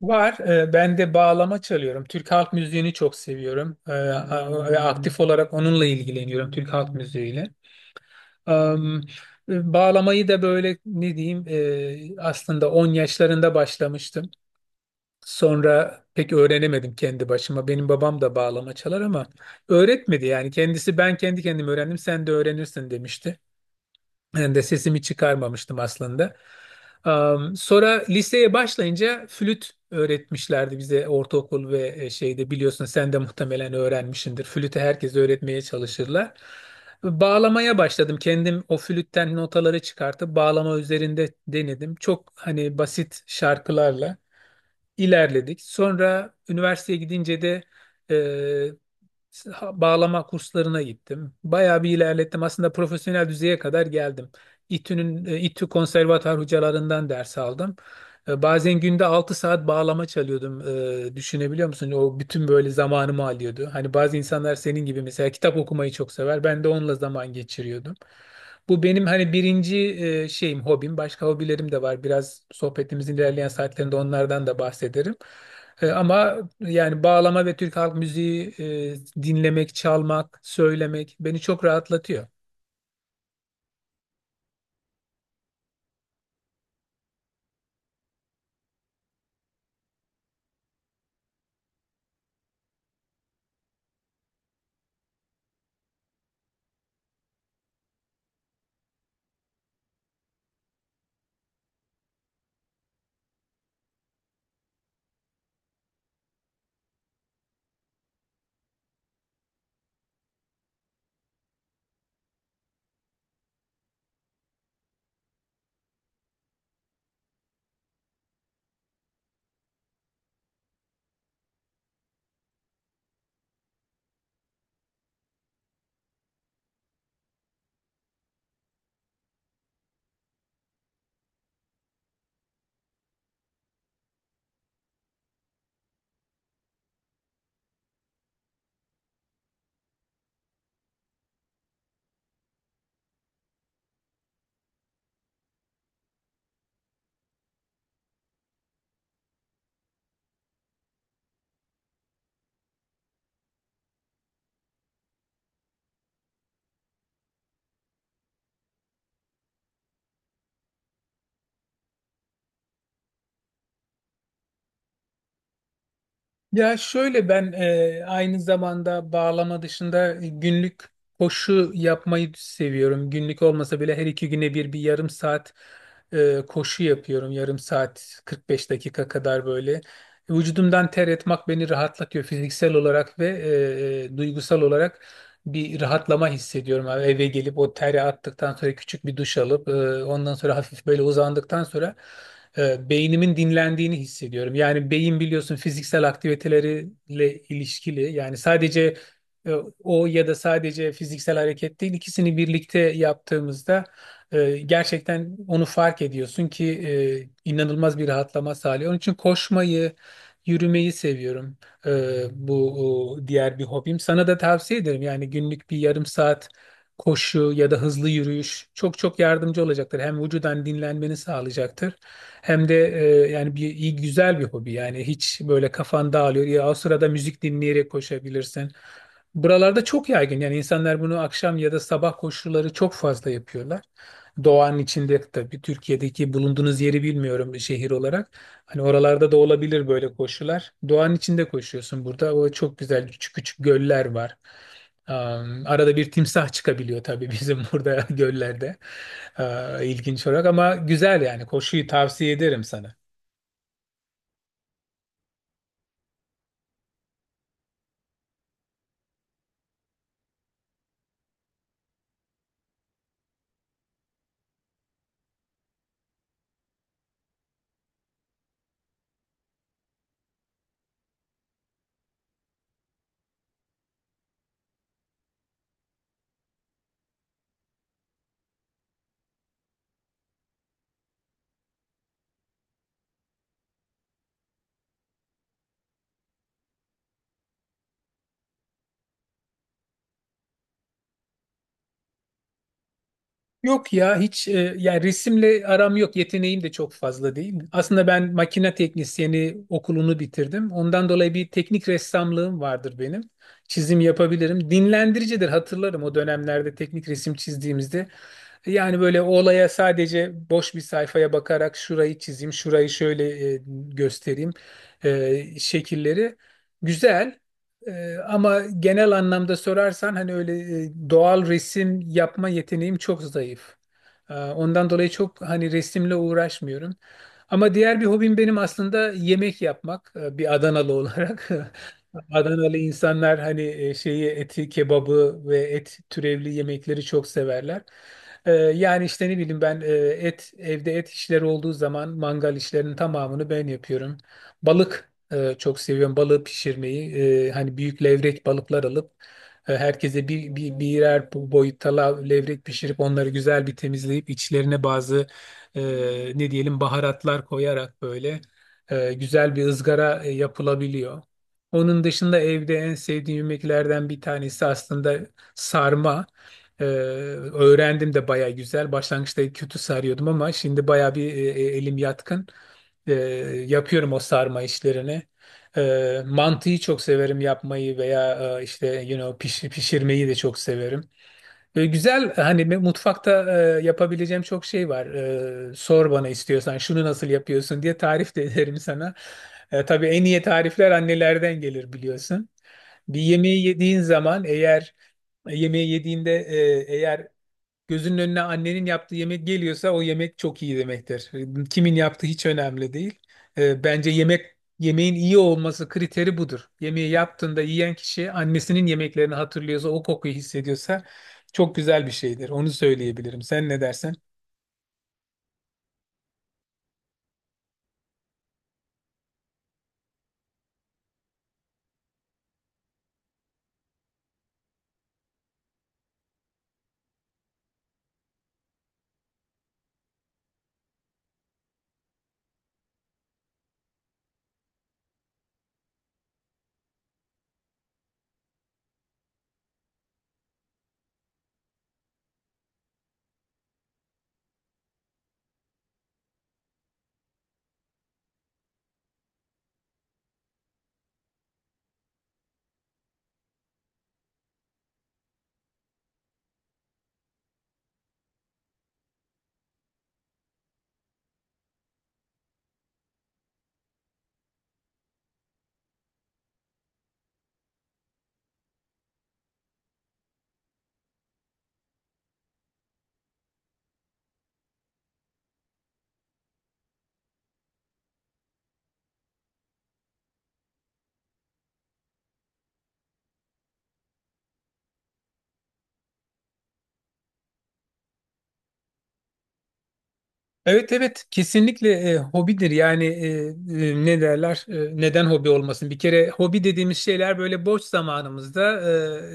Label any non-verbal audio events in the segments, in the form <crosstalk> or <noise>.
Var. Ben de bağlama çalıyorum. Türk halk müziğini çok seviyorum. Ve aktif olarak onunla ilgileniyorum. Türk halk müziğiyle. Am, Bağlamayı da böyle ne diyeyim, aslında 10 yaşlarında başlamıştım. Sonra pek öğrenemedim kendi başıma. Benim babam da bağlama çalar ama öğretmedi yani. Kendisi, "Ben kendi kendime öğrendim, sen de öğrenirsin," demişti. Ben de sesimi çıkarmamıştım aslında. Sonra liseye başlayınca flüt öğretmişlerdi bize ortaokul ve şeyde biliyorsun, sen de muhtemelen öğrenmişsindir. Flütü herkes öğretmeye çalışırlar. Bağlamaya başladım. Kendim o flütten notaları çıkartıp bağlama üzerinde denedim. Çok hani basit şarkılarla ilerledik. Sonra üniversiteye gidince de e, bağlama kurslarına gittim. Bayağı bir ilerlettim. Aslında profesyonel düzeye kadar geldim. İTÜ konservatuar hocalarından ders aldım. Bazen günde 6 saat bağlama çalıyordum. Düşünebiliyor musun? O bütün böyle zamanımı alıyordu. Hani bazı insanlar senin gibi mesela kitap okumayı çok sever. Ben de onunla zaman geçiriyordum. Bu benim hani birinci şeyim, hobim. Başka hobilerim de var. Biraz sohbetimizin ilerleyen saatlerinde onlardan da bahsederim. Ama yani bağlama ve Türk halk müziği, dinlemek, çalmak, söylemek beni çok rahatlatıyor. Ya şöyle, ben aynı zamanda bağlama dışında günlük koşu yapmayı seviyorum. Günlük olmasa bile her 2 güne bir yarım saat koşu yapıyorum. Yarım saat 45 dakika kadar böyle. Vücudumdan ter etmek beni rahatlatıyor fiziksel olarak ve duygusal olarak bir rahatlama hissediyorum. Yani eve gelip o teri attıktan sonra küçük bir duş alıp, ondan sonra hafif böyle uzandıktan sonra, beynimin dinlendiğini hissediyorum. Yani beyin biliyorsun fiziksel aktiviteleriyle ilişkili. Yani sadece e, o ya da sadece fiziksel hareket değil, ikisini birlikte yaptığımızda gerçekten onu fark ediyorsun ki inanılmaz bir rahatlama sağlıyor. Onun için koşmayı, yürümeyi seviyorum. E, Bu, diğer bir hobim. Sana da tavsiye ederim. Yani günlük bir yarım saat koşu ya da hızlı yürüyüş çok çok yardımcı olacaktır. Hem vücudan dinlenmeni sağlayacaktır hem de yani bir iyi güzel bir hobi. Yani hiç böyle kafan dağılıyor. Ya o sırada müzik dinleyerek koşabilirsin. Buralarda çok yaygın. Yani insanlar bunu akşam ya da sabah koşuları çok fazla yapıyorlar. Doğanın içinde tabii, Türkiye'deki bulunduğunuz yeri bilmiyorum şehir olarak. Hani oralarda da olabilir böyle koşular. Doğanın içinde koşuyorsun burada. O çok güzel küçük küçük göller var. Arada bir timsah çıkabiliyor tabii bizim <laughs> burada göllerde. İlginç olarak ama güzel, yani koşuyu tavsiye ederim sana. Yok ya, hiç yani resimle aram yok, yeteneğim de çok fazla değil. Aslında ben makine teknisyeni okulunu bitirdim. Ondan dolayı bir teknik ressamlığım vardır benim. Çizim yapabilirim. Dinlendiricidir, hatırlarım o dönemlerde teknik resim çizdiğimizde. Yani böyle o olaya sadece boş bir sayfaya bakarak şurayı çizeyim, şurayı şöyle göstereyim, şekilleri güzel. Ama genel anlamda sorarsan hani öyle, doğal resim yapma yeteneğim çok zayıf. Ondan dolayı çok hani resimle uğraşmıyorum. Ama diğer bir hobim benim aslında yemek yapmak, bir Adanalı olarak. <laughs> Adanalı insanlar hani, e, şeyi eti, kebabı ve et türevli yemekleri çok severler. Yani işte ne bileyim ben, e, et evde et işleri olduğu zaman mangal işlerinin tamamını ben yapıyorum. Balık, çok seviyorum balığı pişirmeyi. Hani büyük levrek balıklar alıp, herkese birer boyutta levrek pişirip onları güzel bir temizleyip içlerine bazı, e, ne diyelim, baharatlar koyarak böyle güzel bir ızgara yapılabiliyor. Onun dışında evde en sevdiğim yemeklerden bir tanesi aslında sarma. Öğrendim de baya güzel. Başlangıçta kötü sarıyordum ama şimdi baya bir elim yatkın. E, Yapıyorum o sarma işlerini. Mantıyı çok severim yapmayı veya işte pişirmeyi de çok severim. Güzel hani, mutfakta yapabileceğim çok şey var. Sor bana, istiyorsan şunu nasıl yapıyorsun diye tarif de <laughs> ederim sana. Tabii en iyi tarifler annelerden gelir, biliyorsun. Bir yemeği yediğin zaman eğer Yemeği yediğinde, eğer gözünün önüne annenin yaptığı yemek geliyorsa o yemek çok iyi demektir. Kimin yaptığı hiç önemli değil. Bence yemeğin iyi olması kriteri budur. Yemeği yaptığında yiyen kişi annesinin yemeklerini hatırlıyorsa, o kokuyu hissediyorsa çok güzel bir şeydir. Onu söyleyebilirim. Sen ne dersen? Evet, evet, kesinlikle hobidir yani. Ne derler, neden hobi olmasın? Bir kere hobi dediğimiz şeyler böyle boş zamanımızda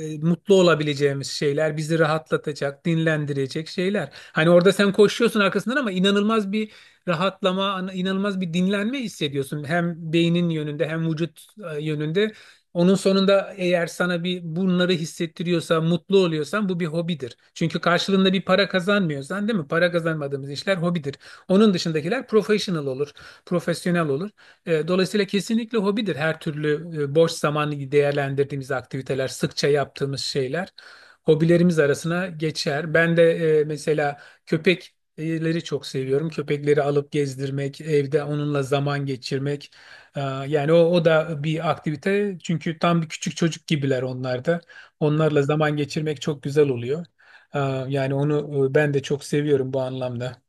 mutlu olabileceğimiz şeyler, bizi rahatlatacak, dinlendirecek şeyler. Hani orada sen koşuyorsun arkasından ama inanılmaz bir rahatlama, inanılmaz bir dinlenme hissediyorsun, hem beynin yönünde hem vücut yönünde. Onun sonunda eğer sana bir bunları hissettiriyorsa, mutlu oluyorsan bu bir hobidir. Çünkü karşılığında bir para kazanmıyorsan, değil mi? Para kazanmadığımız işler hobidir. Onun dışındakiler profesyonel olur. Dolayısıyla kesinlikle hobidir her türlü. Boş zamanı değerlendirdiğimiz aktiviteler, sıkça yaptığımız şeyler hobilerimiz arasına geçer. Ben de mesela köpekleri çok seviyorum. Köpekleri alıp gezdirmek, evde onunla zaman geçirmek. E, Yani o da bir aktivite. Çünkü tam bir küçük çocuk gibiler onlar da. Onlarla zaman geçirmek çok güzel oluyor. E, Yani onu, ben de çok seviyorum bu anlamda.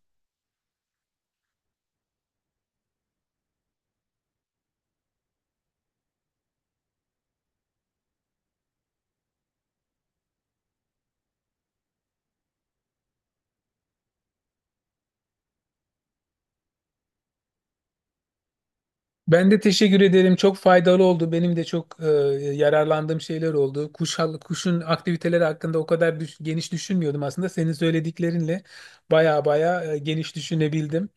Ben de teşekkür ederim. Çok faydalı oldu. Benim de çok yararlandığım şeyler oldu. Kuşun aktiviteleri hakkında o kadar geniş düşünmüyordum aslında. Senin söylediklerinle baya baya, geniş düşünebildim.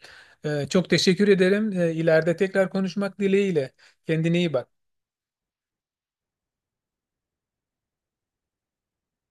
Çok teşekkür ederim. İleride tekrar konuşmak dileğiyle. Kendine iyi bak.